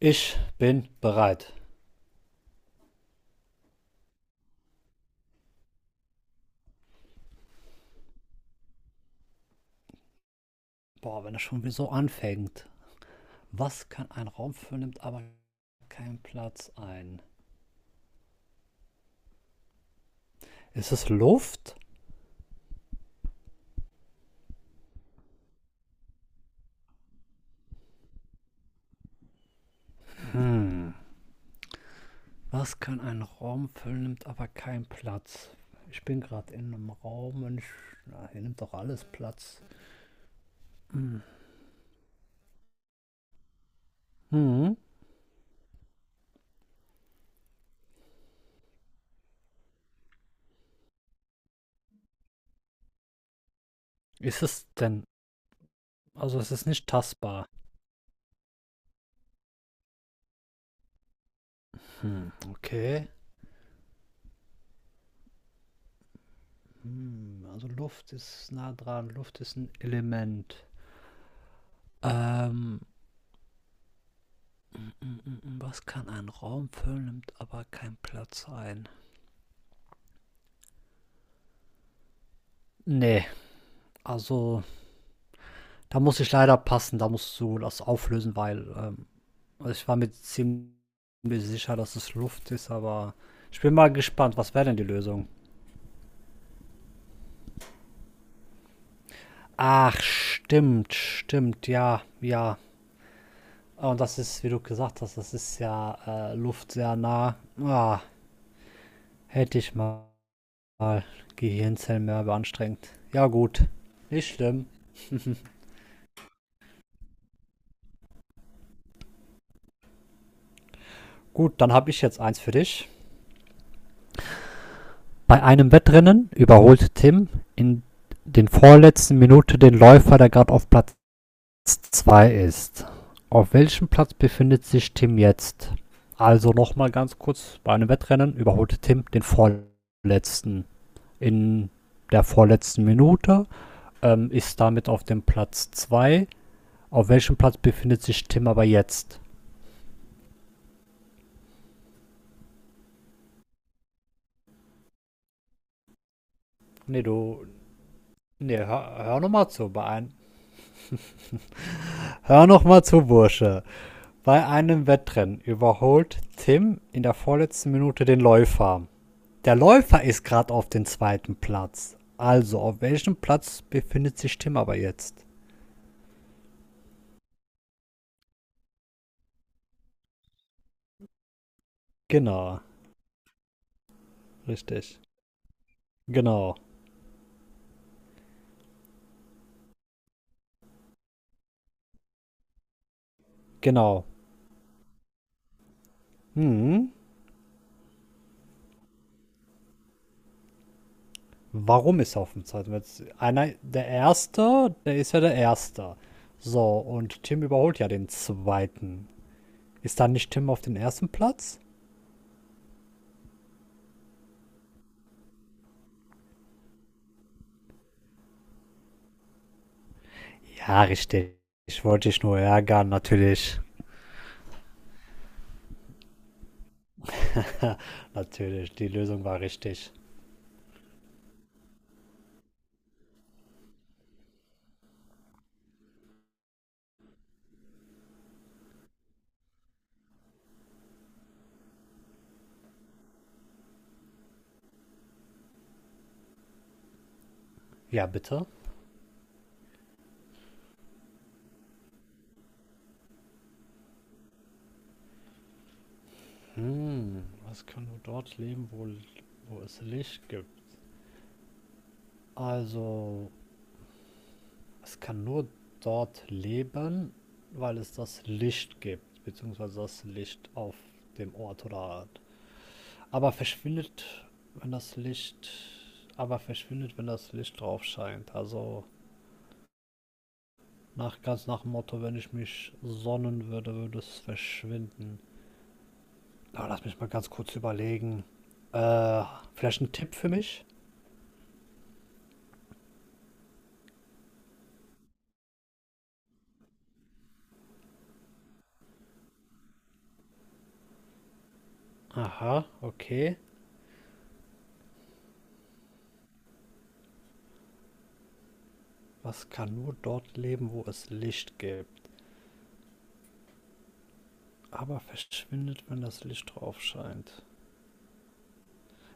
Ich bin bereit. Boah, wenn das schon wieder so anfängt. Was kann ein Raum füllen, nimmt aber keinen Platz ein? Ist es Luft? Hm. Was kann ein Raum füllen, nimmt aber keinen Platz? Ich bin gerade in einem Raum und ich, na, hier nimmt doch alles Platz. Hm. Hm. Ist es denn? Also es ist nicht tastbar. Hm. Okay. Hm. Also Luft ist nah dran. Luft ist ein Element. Ähm, Was kann ein Raum füllen, nimmt aber keinen Platz ein? Nee, also da muss ich leider passen, da musst du das auflösen, weil also ich war mir ziemlich sicher, dass es Luft ist, aber ich bin mal gespannt, was wäre denn die Lösung? Ach, stimmt, stimmt, ja, ja. Ah, und das ist, wie du gesagt hast, das ist ja Luft sehr nah. Ah, hätte ich mal Gehirnzellen mehr beanstrengt. Ja, gut. Nicht schlimm. Gut, dann habe ich jetzt eins für dich. Bei einem Wettrennen überholte Tim in den vorletzten Minuten den Läufer, der gerade auf Platz zwei ist. Auf welchem Platz befindet sich Tim jetzt? Also nochmal ganz kurz, bei einem Wettrennen überholte Tim den vorletzten in der vorletzten Minute, ist damit auf dem Platz 2. Auf welchem Platz befindet sich Tim aber jetzt? Nee, du, nee, hör nochmal zu, hör nochmal zu, Bursche. Bei einem Wettrennen überholt Tim in der vorletzten Minute den Läufer. Der Läufer ist gerade auf dem zweiten Platz. Also, auf welchem Platz befindet sich Tim aber jetzt? Genau, richtig. Genau, genau. Hm, warum ist er auf dem zweiten Platz? Einer, der Erste, der ist ja der Erste. So, und Tim überholt ja den Zweiten. Ist dann nicht Tim auf dem ersten Platz? Ja, richtig. Ich wollte dich nur ärgern, natürlich. Natürlich, die Lösung war richtig. Ja, bitte? Hm, was kann nur dort leben, wo es Licht gibt? Also, es kann nur dort leben, weil es das Licht gibt, beziehungsweise das Licht auf dem Ort oder Art. Aber verschwindet, wenn das Licht, aber verschwindet, wenn das Licht drauf scheint. Also, ganz nach dem Motto, wenn ich mich sonnen würde, würde es verschwinden. Na, lass mich mal ganz kurz überlegen. Äh, vielleicht ein Tipp für mich? Aha, okay. Was kann nur dort leben, wo es Licht gibt, aber verschwindet, wenn das Licht drauf scheint?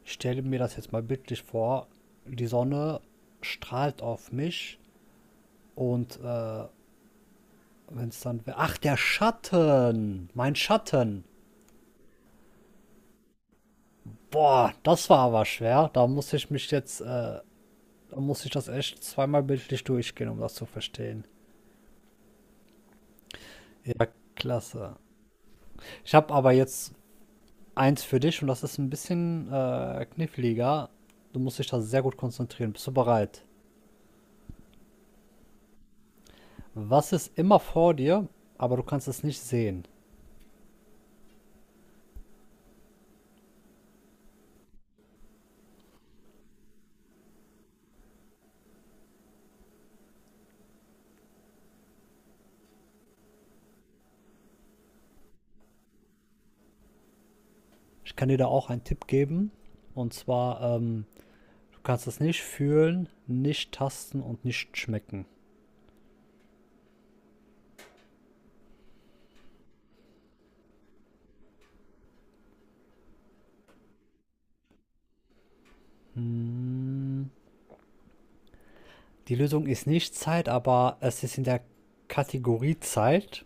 Ich stelle mir das jetzt mal bildlich vor. Die Sonne strahlt auf mich und wenn es dann... Ach, der Schatten! Mein Schatten! Boah, das war aber schwer. Da muss ich mich jetzt... da muss ich das echt zweimal bildlich durchgehen, um das zu verstehen. Ja, klasse. Ich habe aber jetzt eins für dich und das ist ein bisschen kniffliger. Du musst dich da sehr gut konzentrieren. Bist du bereit? Was ist immer vor dir, aber du kannst es nicht sehen? Ich kann dir da auch einen Tipp geben. Und zwar, du kannst es nicht fühlen, nicht tasten und nicht schmecken. Hm. Die Lösung ist nicht Zeit, aber es ist in der Kategorie Zeit.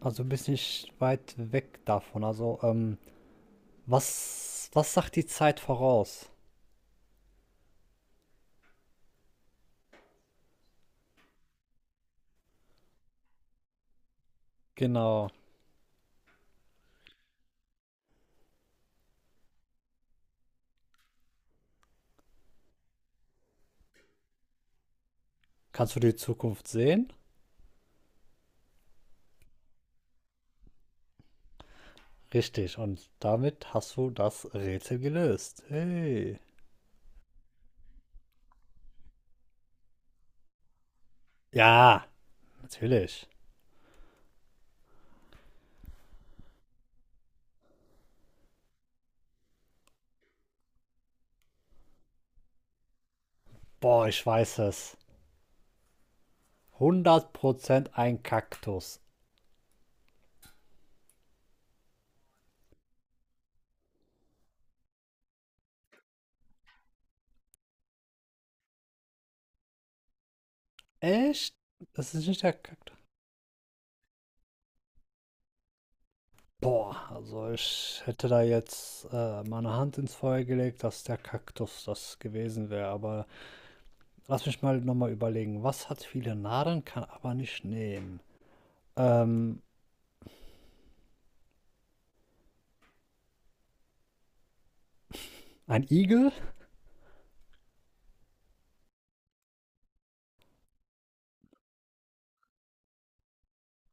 Also du bist nicht weit weg davon. Also, was, was sagt die Zeit voraus? Genau. Kannst du die Zukunft sehen? Richtig. Und damit hast du das Rätsel gelöst. Hey. Ja, natürlich. Boah, ich weiß es. 100% ein Kaktus. Echt? Das ist nicht der Kaktus. Boah, also ich hätte da jetzt meine Hand ins Feuer gelegt, dass der Kaktus das gewesen wäre. Aber lass mich mal nochmal überlegen. Was hat viele Nadeln, kann aber nicht nehmen? Ähm, ein Igel?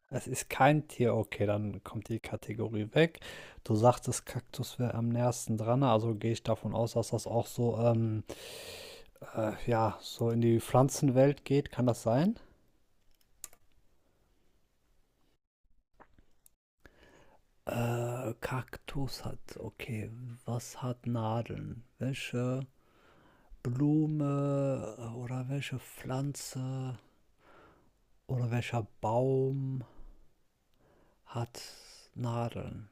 Es ist kein Tier, okay, dann kommt die Kategorie weg. Du sagtest, Kaktus wäre am nächsten dran, also gehe ich davon aus, dass das auch so, ja, so in die Pflanzenwelt geht. Kann das sein? Kaktus hat, okay, was hat Nadeln? Welche Blume oder welche Pflanze oder welcher Baum hat Nadeln?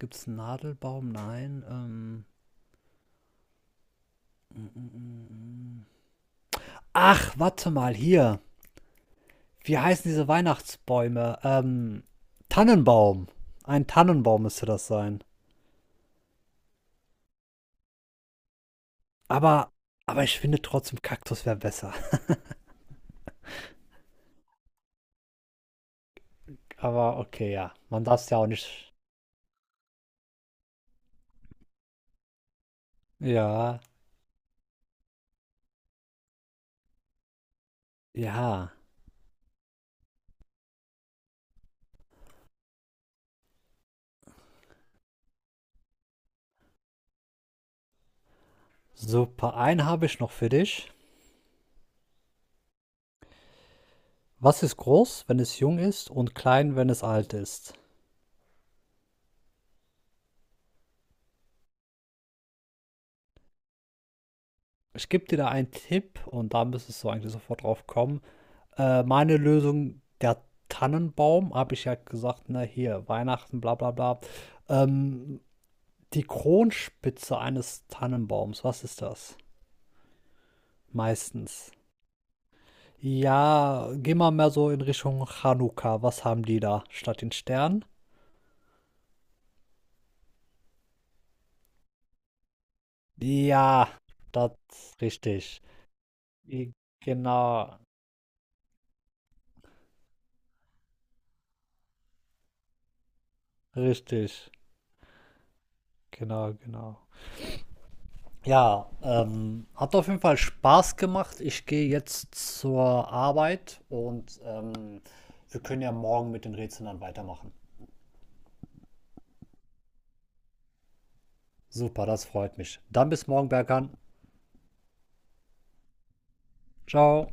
Gibt es einen Nadelbaum? Nein. Mm, mm, mm, mm. Ach, warte mal, hier. Wie heißen diese Weihnachtsbäume? Tannenbaum. Ein Tannenbaum müsste das sein. Aber, aber ich finde trotzdem, Kaktus wäre besser. Aber okay, ja. Man darf es ja auch nicht. Ja, ja. Super. Einen habe ich noch für dich. Was ist groß, wenn es jung ist und klein, wenn es alt ist? Ich gebe dir da einen Tipp und da müsstest du eigentlich sofort drauf kommen. Meine Lösung, der Tannenbaum, habe ich ja gesagt, ne, hier, Weihnachten, bla bla bla. Ähm, die Kronspitze eines Tannenbaums, was ist das? Meistens. Ja, geh mal mehr so in Richtung Chanukka. Was haben die da statt den Stern? Ja, das richtig. I- Genau, richtig. Genau, genau. Ja, hat auf jeden Fall Spaß gemacht. Ich gehe jetzt zur Arbeit und wir können ja morgen mit den Rätseln dann weitermachen. Super, das freut mich. Dann bis morgen, Berkan. Ciao.